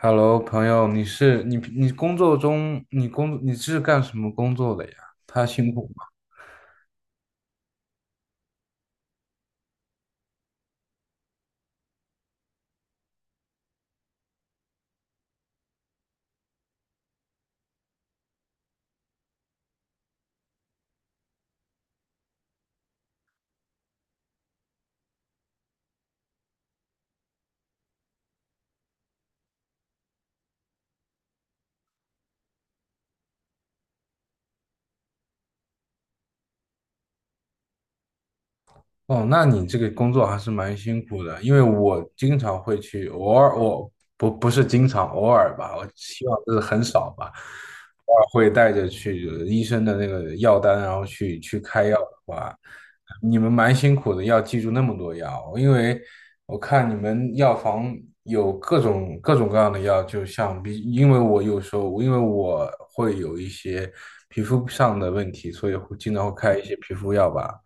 Hello，朋友，你是你你工作中你工你是干什么工作的呀？他辛苦哦，那你这个工作还是蛮辛苦的，因为我经常会去，偶尔我不是经常，偶尔吧，我希望这是很少吧，偶尔会带着去医生的那个药单，然后去开药的话，你们蛮辛苦的，要记住那么多药，因为我看你们药房有各种各样的药，就像比，因为我有时候，因为我会有一些皮肤上的问题，所以会经常会开一些皮肤药吧。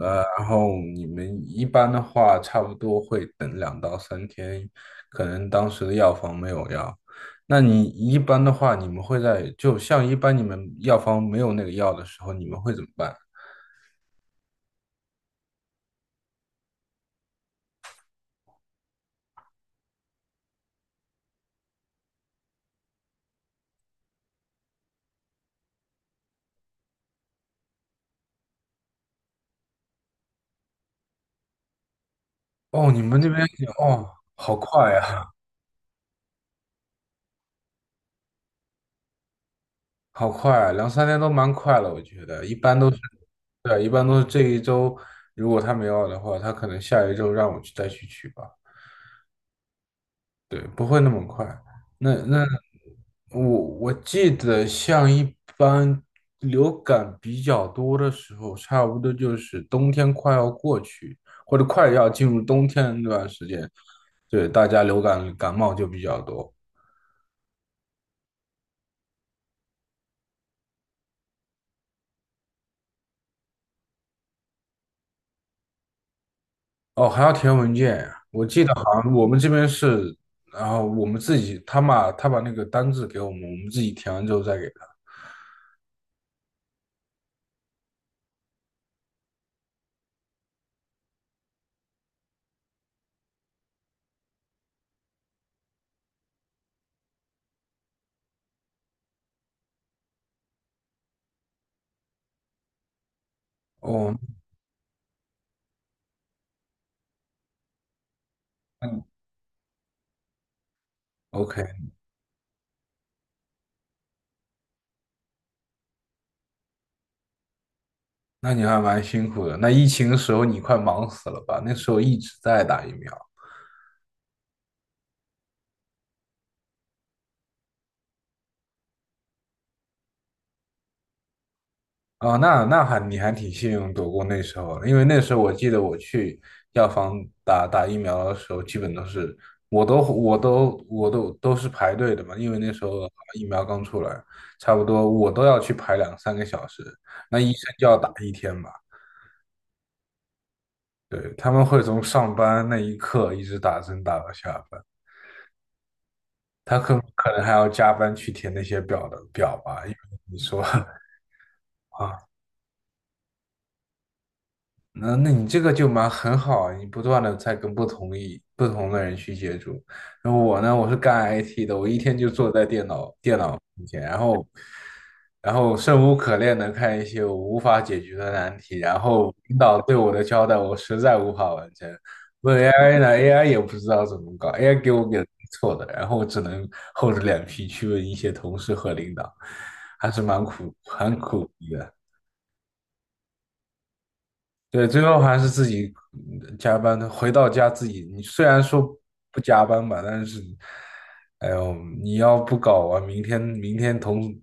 然后你们一般的话，差不多会等两到三天，可能当时的药房没有药。那你一般的话，你们会在就像一般你们药房没有那个药的时候，你们会怎么办？哦，你们那边也哦，好快呀，好快啊两三天都蛮快了，我觉得一般都是，对啊，一般都是这一周，如果他没有药的话，他可能下一周让我再去取吧，对，不会那么快。那那我我记得像一般流感比较多的时候，差不多就是冬天快要过去，或者快要进入冬天的那段时间，对，大家流感感冒就比较多。哦，还要填文件呀我记得好像我们这边是，然后我们自己，他把那个单子给我们，我们自己填完之后再给他。哦，嗯，OK,那你还蛮辛苦的。那疫情的时候你快忙死了吧？那时候一直在打疫苗。哦，那那还你还挺幸运躲过那时候的因为那时候我记得我去药房打疫苗的时候，基本都是我都是排队的嘛，因为那时候疫苗刚出来，差不多我都要去排两三个小时，那医生就要打一天嘛，对，他们会从上班那一刻一直打针打到下班，他可能还要加班去填那些表吧，因为你说 啊，那那你这个就很好，你不断的在跟不同的人去接触。然后我呢，我是干 IT 的，我一天就坐在电脑面前，然后生无可恋的看一些我无法解决的难题，然后领导对我的交代我实在无法完成。问 AI 呢，AI 也不知道怎么搞，AI 给我给错的，然后我只能厚着脸皮去问一些同事和领导，还是很苦逼的。对，最后还是自己加班，的，回到家自己。你虽然说不加班吧，但是，哎呦，你要不搞完，明天同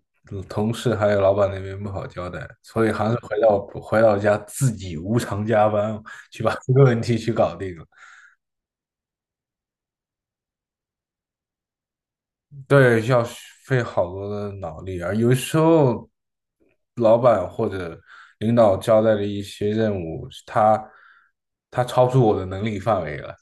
同事还有老板那边不好交代，所以还是回到家自己无偿加班去把这个问题去搞定了。对，要费好多的脑力啊。而有时候，老板或者领导交代的一些任务，他超出我的能力范围了。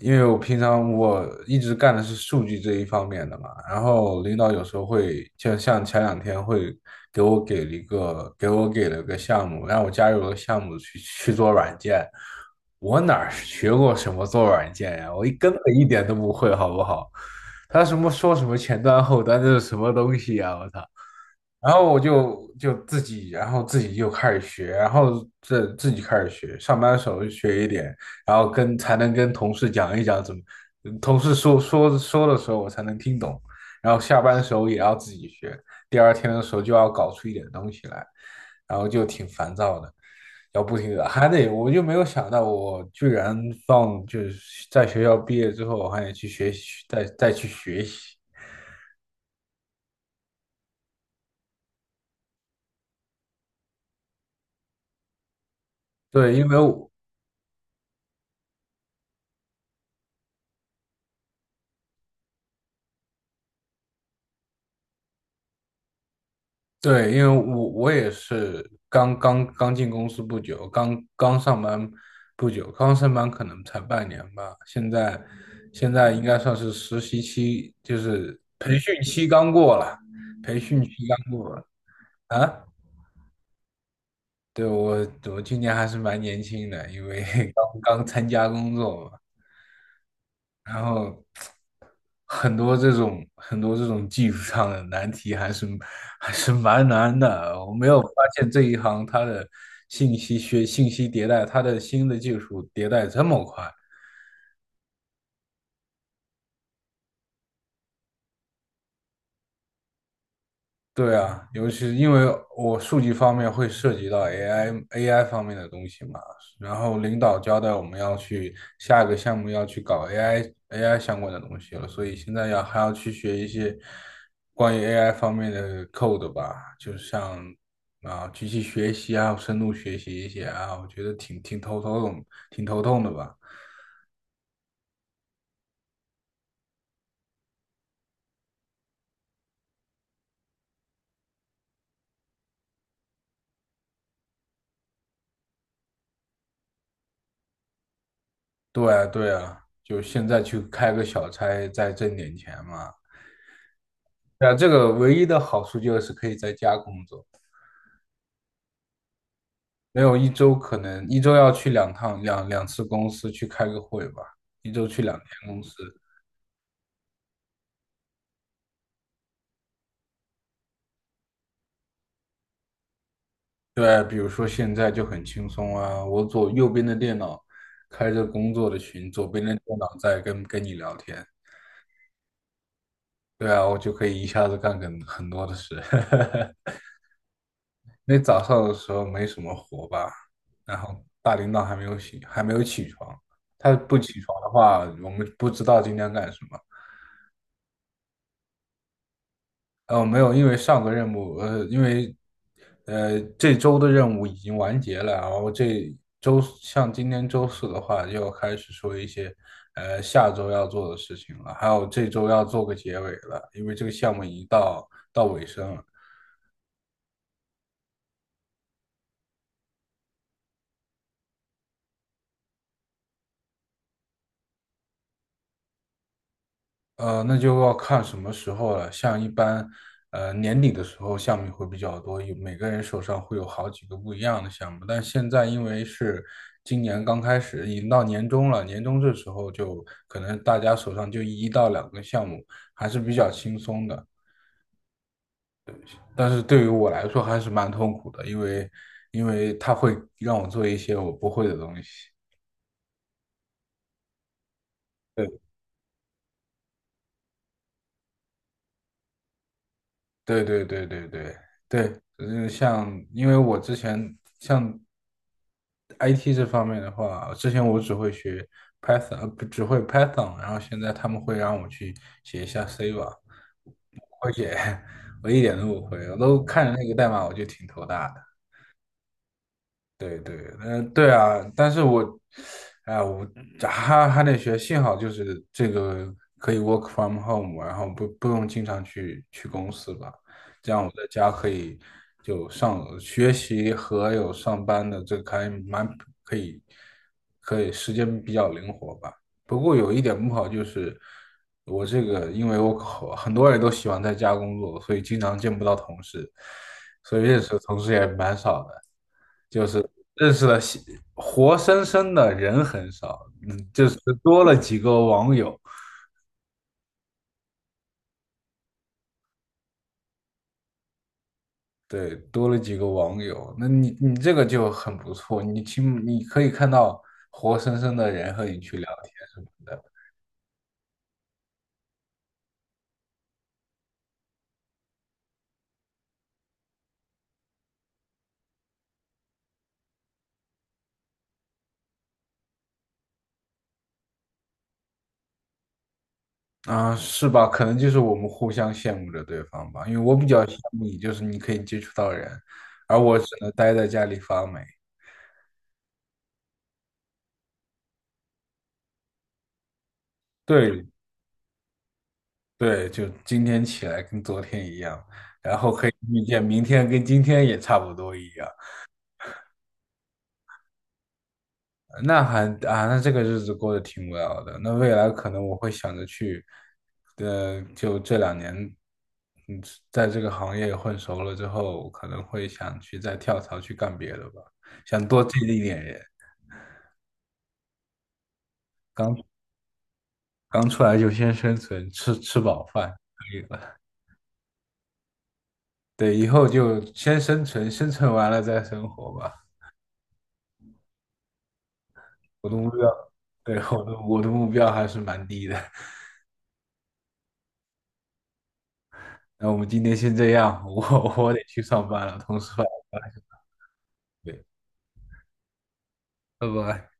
因为我平常一直干的是数据这一方面的嘛，然后领导有时候会，就像前两天会给了个项目，让我加入了个项目去做软件，哪儿学过什么做软件呀？我根本一点都不会，好不好？他什么说什么前端后端，这是什么东西呀？我操！然后我就自己，然后自己就开始学，然后这自己开始学，上班的时候就学一点，然后才能跟同事讲一讲怎么，同事说的时候我才能听懂，然后下班的时候也要自己学，第二天的时候就要搞出一点东西来，然后就挺烦躁的，要不停的还得，我就没有想到我居然放就是在学校毕业之后还得去学习，再去学习，对，因为我对，因为我也是刚刚进公司不久，刚刚上班不久，刚上班可能才半年吧。现在应该算是实习期，就是培训期刚过了，培训期刚过了啊。对，我今年还是蛮年轻的，因为 刚刚参加工作嘛。然后很多这种技术上的难题还是蛮难的。我没有发现这一行它的信息迭代，它的新的技术迭代这么快。对啊，尤其是因为我数据方面会涉及到 AI 方面的东西嘛，然后领导交代我们要去下一个项目要去搞 AI 相关的东西了，所以现在要还要去学一些关于 AI 方面的 code 吧，就像啊机器学习啊、深度学习一些啊，我觉得挺头痛的吧。对啊,就现在去开个小差，再挣点钱嘛。对啊，这个唯一的好处就是可以在家工作，没有一周可能一周要去两趟两两次公司去开个会吧，一周去两天公司。对，比如说现在就很轻松啊，我左右边的电脑开着工作的群，左边的电脑在跟你聊天。对啊，我就可以一下子干很多的事。那早上的时候没什么活吧，然后大领导还没有醒，还没有起床，他不起床的话，我们不知道今天干什么。哦，没有，因为上个任务，因为，这周的任务已经完结了，然后这周像今天周四的话，就要开始说一些，下周要做的事情了，还有这周要做个结尾了，因为这个项目已经到尾声了。那就要看什么时候了。像一般，年底的时候项目会比较多，有每个人手上会有好几个不一样的项目。但现在因为是今年刚开始，已经到年终了，年终这时候就可能大家手上就一到两个项目，还是比较轻松的。但是对于我来说还是蛮痛苦的，因为他会让我做一些我不会的东西。对。对对对对对对，就是像，因为我之前像 IT 这方面的话，之前我只会学 Python,呃，不只会 Python,然后现在他们会让我去写一下 C 吧，我写，我一点都不会，我都看着那个代码我就挺头大的。对对，呃，对啊，但是我，哎、我啊还得学，幸好就是这个可以 work from home,然后不用经常去公司吧，这样我在家可以就上学习和有上班的这个还蛮可以，可以时间比较灵活吧。不过有一点不好就是我这个，因为我好很多人都喜欢在家工作，所以经常见不到同事，所以认识的同事也蛮少的。认识了西活生生的人很少，嗯，就是多了几个网友，对，多了几个网友，那你这个就很不错，你起码你可以看到活生生的人和你去聊天什么的，啊，是吧？可能就是我们互相羡慕着对方吧，因为我比较羡慕你，就是你可以接触到人，而我只能待在家里发霉。对对，就今天起来跟昨天一样，然后可以预见明天跟今天也差不多一样。那还啊，那这个日子过得挺无聊的。那未来可能我会想着去，就这两年，嗯，在这个行业混熟了之后，可能会想去再跳槽去干别的吧，想多见一点人刚刚出来就先生存，吃饱饭可以了。对，以后就先生存，生存完了再生活吧。我的目标，对，我的目标还是蛮低的。那我们今天先这样，我得去上班了，同事发。对。拜拜。